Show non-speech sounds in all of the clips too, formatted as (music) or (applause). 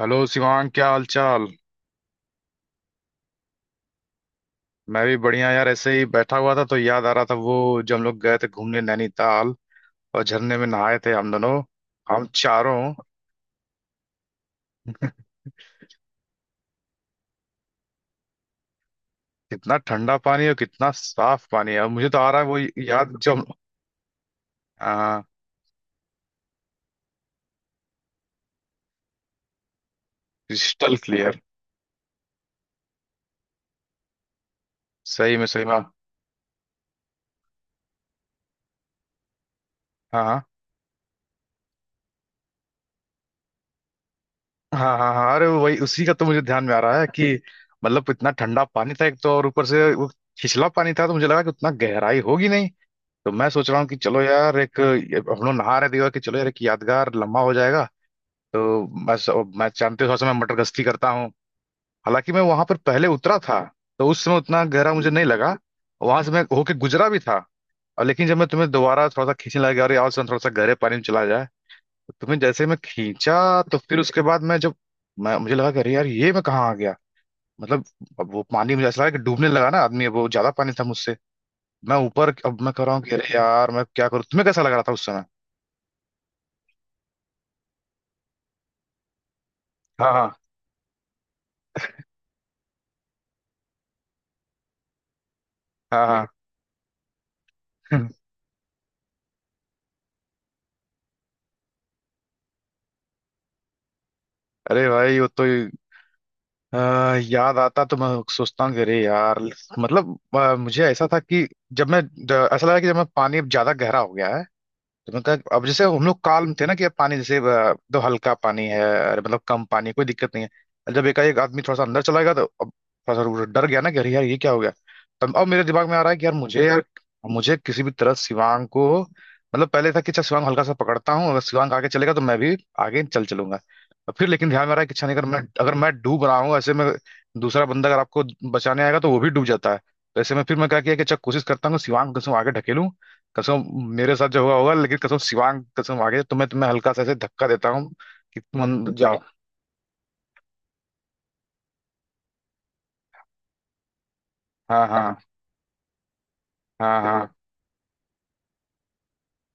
Hello Shivang क्या हाल चाल। मैं भी बढ़िया यार। ऐसे ही बैठा हुआ था तो याद आ रहा था वो, जब हम लोग गए थे घूमने नैनीताल, और झरने में नहाए थे हम दोनों, हम चारों। कितना ठंडा पानी और कितना साफ पानी है। और मुझे तो आ रहा है वो याद, जब हाँ, क्रिस्टल क्लियर। सही में, सही में। हाँ हाँ हाँ। हाँ हाँ, अरे वही, उसी का तो मुझे ध्यान में आ रहा है कि मतलब इतना ठंडा पानी था एक तो, और ऊपर से वो छिछला पानी था तो मुझे लगा कि उतना गहराई होगी नहीं, तो मैं सोच रहा हूँ कि चलो यार, एक हम लोग नहा रहे थे कि चलो यार एक यादगार लम्हा हो जाएगा। तो मैं जानते हो, थोड़ा सा मैं मटर गश्ती करता हूँ। हालांकि मैं वहां पर पहले उतरा था, तो उस समय उतना गहरा मुझे नहीं लगा। वहां से मैं होके गुजरा भी था। और लेकिन जब मैं तुम्हें दोबारा थोड़ा सा खींचने लगा, अरे और थोड़ा सा गहरे पानी में चला जाए, तो तुम्हें जैसे मैं खींचा, तो फिर उसके बाद मैं जब मैं मुझे लगा कि अरे यार, ये मैं कहाँ आ गया। मतलब अब वो पानी मुझे ऐसा लगा कि डूबने लगा ना आदमी, अब वो ज्यादा पानी था मुझसे। मैं ऊपर, अब मैं कह रहा हूँ कि अरे यार मैं क्या करूँ। तुम्हें कैसा लग रहा था उस समय? हाँ हाँ। हाँ हाँ। (laughs) अरे भाई वो तो, याद आता तो मैं सोचता हूँ कि अरे यार, मतलब मुझे ऐसा था कि जब ऐसा लगा कि जब मैं पानी अब ज्यादा गहरा हो गया है, तो मतलब अब जैसे हम लोग काल्म थे ना कि अब पानी जैसे तो हल्का पानी है, अरे मतलब कम पानी है, कोई दिक्कत नहीं है। और जब एकाएक आदमी थोड़ा सा अंदर चला गया, तो अब थोड़ा सा वो डर गया ना कि अरे यार ये क्या हो गया। तब अब मेरे दिमाग में आ रहा है कि यार मुझे किसी भी तरह शिवांग को, मतलब पहले था कि अच्छा शिवांग हल्का सा पकड़ता हूँ, अगर शिवांग आगे चलेगा तो मैं भी आगे चल चलूंगा। और फिर लेकिन ध्यान में आ रहा है कि अच्छा नहीं, अगर मैं डूब रहा हूँ ऐसे में, दूसरा बंदा अगर आपको बचाने आएगा तो वो भी डूब जाता है। तो ऐसे में फिर मैं क्या किया कि अच्छा, कोशिश करता हूँ कि शिवांग को आगे ढकेलूं। कसम मेरे साथ जो हुआ होगा, लेकिन कसम शिवांग, कसम आगे तुम्हें तुम्हें हल्का सा ऐसे धक्का देता हूँ कि तुम अंदर (laughs) जाओ। हाँ हाँ। हाँ हाँ।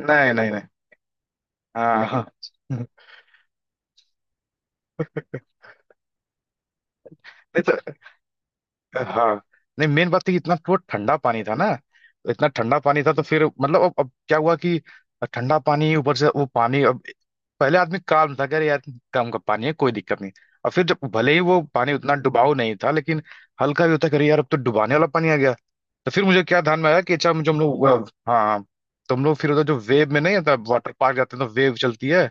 नहीं नहीं नहीं। हाँ हाँ। (laughs) नहीं, तो हाँ, नहीं मेन बात थी कि इतना वो ठंडा पानी था ना। इतना ठंडा पानी था, तो फिर मतलब अब क्या हुआ कि ठंडा पानी, ऊपर से वो पानी, अब पहले आदमी काम था, कह रहे यार काम का पानी है, कोई दिक्कत नहीं। और फिर जब भले ही वो पानी उतना डुबाऊ नहीं था, लेकिन हल्का भी होता, कह रहे यार अब तो डुबाने वाला पानी आ गया। तो फिर मुझे क्या ध्यान में आया कि अच्छा मुझे हम लोग, हाँ हाँ, तो हम लोग फिर उधर जो वेव में, नहीं होता वाटर पार्क जाते हैं तो वेव चलती है,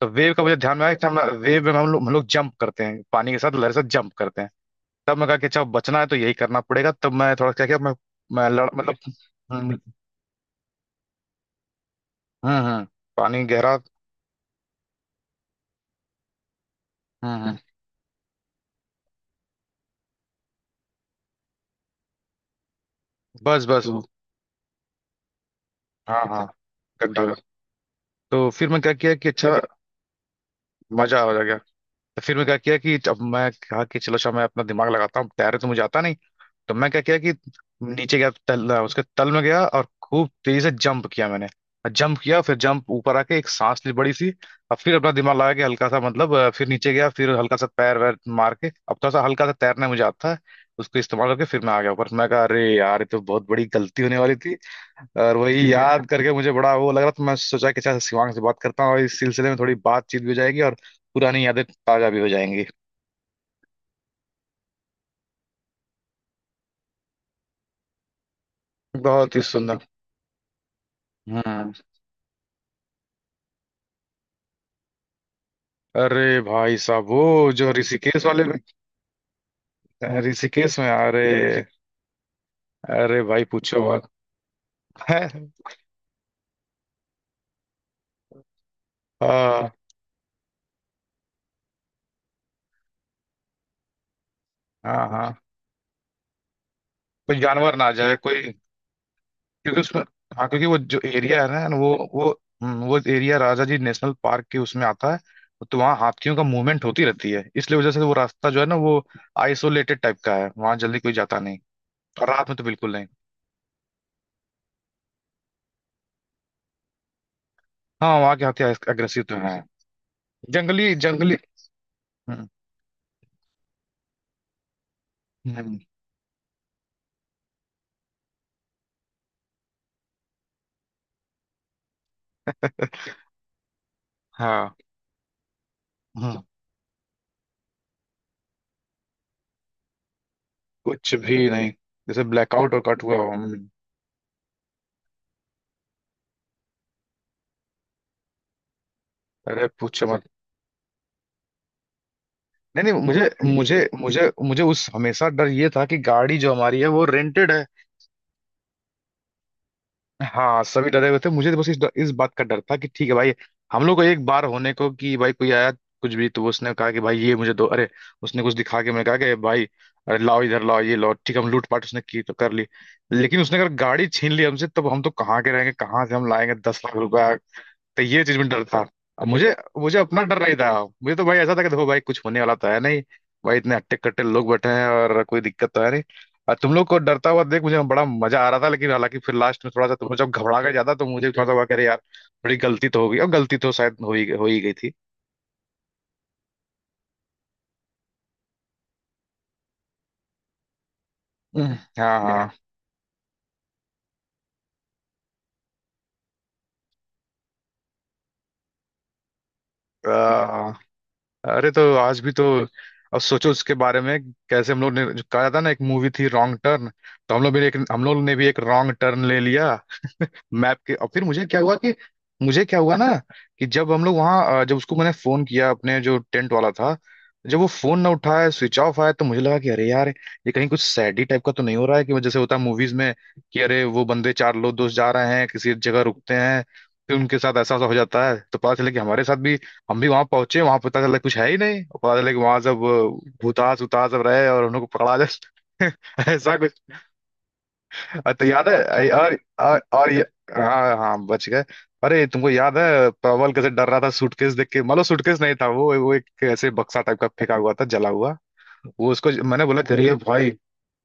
तो वेव का मुझे ध्यान में आया कि हम वेव में, हम लोग जंप करते हैं, पानी के साथ लहर से जंप करते हैं। तब मैं कहा कि अच्छा बचना है तो यही करना पड़ेगा। तब मैं थोड़ा क्या किया, मैं लड़ मतलब हम्म। हम्म। पानी गहरा। हम्म। बस बस। हाँ हाँ। गड्ढा। तो फिर मैं क्या किया कि अच्छा मजा आ गया। तो फिर मैं क्या किया कि अब मैं कहा कि चलो अच्छा, मैं अपना दिमाग लगाता हूँ, तैरे तो मुझे आता नहीं है, तो मैं क्या किया कि नीचे गया तल, उसके तल में गया, और खूब तेजी से जंप किया मैंने। जंप किया, फिर जंप ऊपर आके एक सांस ली बड़ी सी। अब फिर अपना दिमाग लगा के हल्का सा, मतलब फिर नीचे गया, फिर हल्का सा पैर वैर मार के, अब थोड़ा सा हल्का सा तैरना मुझे आता है, उसको इस्तेमाल करके फिर मैं आ गया ऊपर। मैं कहा अरे यार, ये तो बहुत बड़ी गलती होने वाली थी। और वही याद करके मुझे बड़ा वो लग रहा था, मैं सोचा कि अच्छा शिवांग से बात करता हूँ और इस सिलसिले में थोड़ी बातचीत भी हो जाएगी और पुरानी यादें ताजा भी हो जाएंगी। बहुत ही सुंदर। हम्म। अरे भाई साहब, वो जो ऋषिकेश वाले में, ऋषिकेश में अरे, अरे भाई पूछो मत। है। हाँ हाँ हाँ। कोई जानवर ना आ जाए, कोई क्योंकि उसमें, हाँ क्योंकि वो जो एरिया है ना वो वो area Rajaji national park के उसमें आता है। तो वहाँ हाथियों का मूवमेंट होती रहती है, इसलिए वजह से वो रास्ता जो है ना वो आइसोलेटेड टाइप का है, वहाँ जल्दी कोई जाता नहीं, और रात में तो बिल्कुल नहीं। हाँ, वहाँ के हाथी अग्रेसिव तो हैं। जंगली जंगली। हम्म। हम्म। हाँ, कुछ भी नहीं, जैसे ब्लैकआउट और कट हुआ हो। हम्म। अरे पूछो मत। नहीं नहीं, मुझे मुझे मुझे मुझे उस हमेशा डर ये था कि गाड़ी जो हमारी है वो रेंटेड है। हाँ, सभी डरे हुए थे। मुझे बस इस बात का डर था कि ठीक है भाई, हम लोग को एक बार होने को कि भाई कोई आया, कुछ भी तो उसने कहा कि भाई ये मुझे दो, अरे उसने कुछ दिखा के मैं कहा कि भाई अरे लाओ इधर लाओ ये लाओ, ठीक है, हम लूटपाट उसने की तो कर ली। लेकिन उसने अगर गाड़ी छीन ली हमसे, तब हम तो कहाँ के रहेंगे, कहाँ से हम लाएंगे 10 लाख रुपया। तो ये चीज में डर था। अब मुझे, मुझे अपना डर नहीं था। मुझे तो भाई ऐसा था कि देखो भाई, कुछ होने वाला तो है नहीं, भाई इतने हट्टे कट्टे लोग बैठे हैं और कोई दिक्कत तो है नहीं, और तुम लोग को डरता हुआ देख मुझे बड़ा मजा आ रहा था। लेकिन हालांकि फिर लास्ट में थोड़ा सा तुम लोग जब घबरा गए ज्यादा, तो मुझे भी थोड़ा सा हुआ कि अरे यार थोड़ी गलती तो हो गई। और गलती तो शायद हो ही गई थी। हम्म। हाँ हाँ। अ, अरे तो आज भी तो अब सोचो उसके बारे में, कैसे हम लोग ने, जो कहा था ना, एक मूवी थी रॉन्ग टर्न, तो हम लोग भी एक, हम लोग ने भी एक रॉन्ग टर्न ले लिया मैप के। और फिर मुझे क्या हुआ कि, मुझे क्या हुआ ना कि जब हम लोग वहाँ जब उसको मैंने फोन किया, अपने जो टेंट वाला था, जब वो फोन ना उठाया, स्विच ऑफ आया, तो मुझे लगा कि अरे यार, ये कहीं कुछ सैडी टाइप का तो नहीं हो रहा है, कि जैसे होता है मूवीज में कि अरे वो बंदे चार लोग दोस्त जा रहे हैं, किसी जगह रुकते हैं, फिर उनके साथ ऐसा ऐसा हो जाता है। तो पता चला कि हमारे साथ भी, हम भी वहां पहुंचे, वहां पता चला कुछ है ही नहीं, और पता चला कि वहां सब भूतास उतास सब रहे और उन लोग को पकड़ा जाए। (laughs) ऐसा, और तो याद है और, और ये, हाँ हाँ बच गए। अरे तुमको याद है प्रबल कैसे डर रहा था सूटकेस देख के। मतलब सूटकेस नहीं था वो एक ऐसे बक्सा टाइप का फेंका हुआ था जला हुआ। वो उसको मैंने बोला गरीब भाई,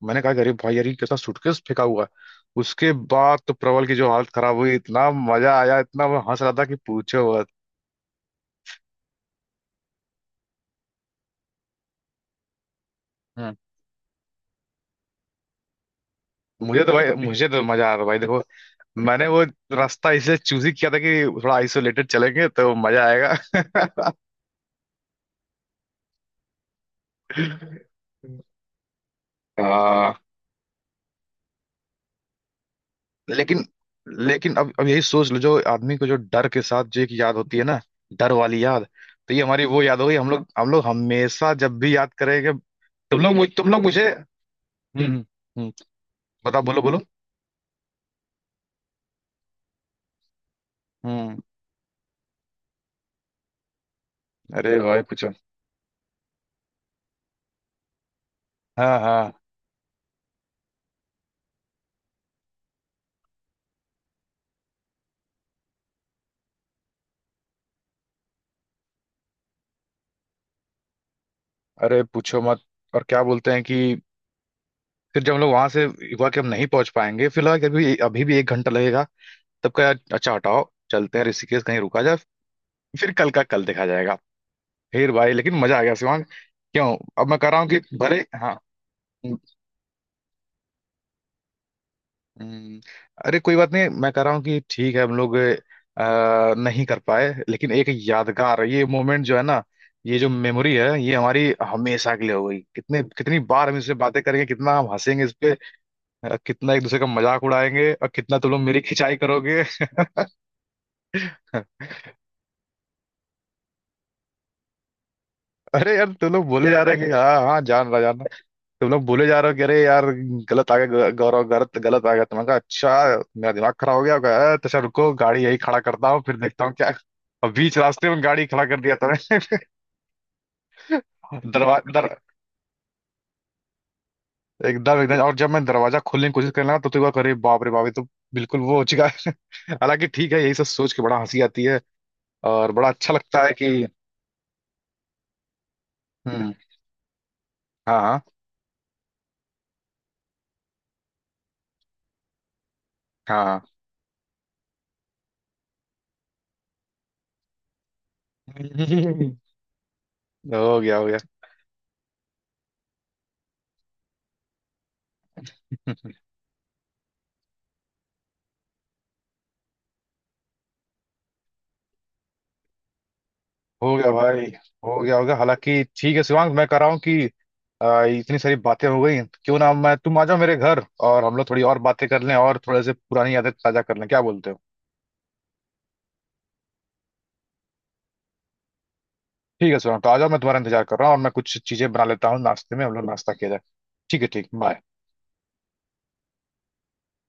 मैंने कहा गरीब भाई यार ये कैसा सूटकेस फेंका हुआ है? उसके बाद तो प्रबल की जो हालत खराब हुई, इतना मजा आया, इतना वो हंस रहा था कि पूछो मत। हाँ, मुझे तो भाई, मुझे तो मजा आ रहा था भाई। देखो, मैंने वो रास्ता इसलिए चूज ही किया था कि थोड़ा आइसोलेटेड चलेंगे तो मजा आएगा। (laughs) हाँ, लेकिन, लेकिन अब यही सोच लो, जो आदमी को जो डर के साथ जो एक याद होती है ना, डर वाली याद, तो ये हमारी वो याद हो गई, हम लोग हमेशा जब भी याद करेंगे। तुम लोग मुझे हम्म। हम्म हम्म, बताओ बोलो बोलो। हम्म। अरे भाई पूछो। हाँ हाँ। अरे पूछो मत। और क्या बोलते हैं कि फिर जब हम लोग वहां से हुआ कि हम नहीं पहुंच पाएंगे, फिर लगा कि अभी, अभी भी 1 घंटा लगेगा, तब कहा अच्छा हटाओ, चलते हैं ऋषिकेश कहीं रुका जाए, फिर कल का कल देखा जाएगा। फिर भाई, लेकिन मजा आ गया शिवांग। क्यों अब मैं कह रहा हूँ कि (laughs) भले, हाँ। हम्म। अरे कोई बात नहीं, मैं कह रहा हूँ कि ठीक है, हम लोग नहीं कर पाए, लेकिन एक यादगार ये मोमेंट जो है ना, ये जो मेमोरी है, ये हमारी हमेशा के लिए हो गई। कितने, कितनी बार हम इससे बातें करेंगे, कितना हम हंसेंगे इस पे, कितना एक दूसरे का मजाक उड़ाएंगे, और कितना तुम लोग मेरी खिंचाई करोगे। (laughs) अरे यार तुम लोग बोले जा रहे हैं कि (laughs) हाँ हाँ, जान रहा जान रहा। तुम लोग बोले जा रहे हो कि अरे यार गलत आ गया, गौरव गलत गलत आ गया, तो मैंने कहा अच्छा, मेरा दिमाग खराब हो गया होगा। तो अच्छा रुको, गाड़ी यही खड़ा करता हूँ, फिर देखता हूँ क्या और बीच रास्ते में गाड़ी खड़ा कर दिया था मैंने। (laughs) दरवाजा दर, एकदम एकदम, और जब मैं दरवाजा खोलने की कोशिश करने लगा तो बार अरे बाप रे बाप, ये तो बिल्कुल वो हो चुका है। हालांकि ठीक है, यही सब सोच के बड़ा हंसी आती है, और बड़ा अच्छा लगता है कि हम्म। हाँ हाँ। (laughs) हाँ हो गया हो गया। हो गया भाई, हो गया हो गया। हालांकि ठीक है शिवांग, मैं कह रहा हूँ कि इतनी सारी बातें हो गई, क्यों ना मैं, तुम आ जाओ मेरे घर, और हम लोग थोड़ी और बातें कर लें और थोड़े से पुरानी यादें ताजा कर लें, क्या बोलते हो। ठीक है शिवांग, तो आ जाओ, मैं तुम्हारा इंतजार कर रहा हूँ, और मैं कुछ चीजें बना लेता हूँ नाश्ते में, हम लोग नाश्ता किया जाए। ठीक है ठीक, बाय।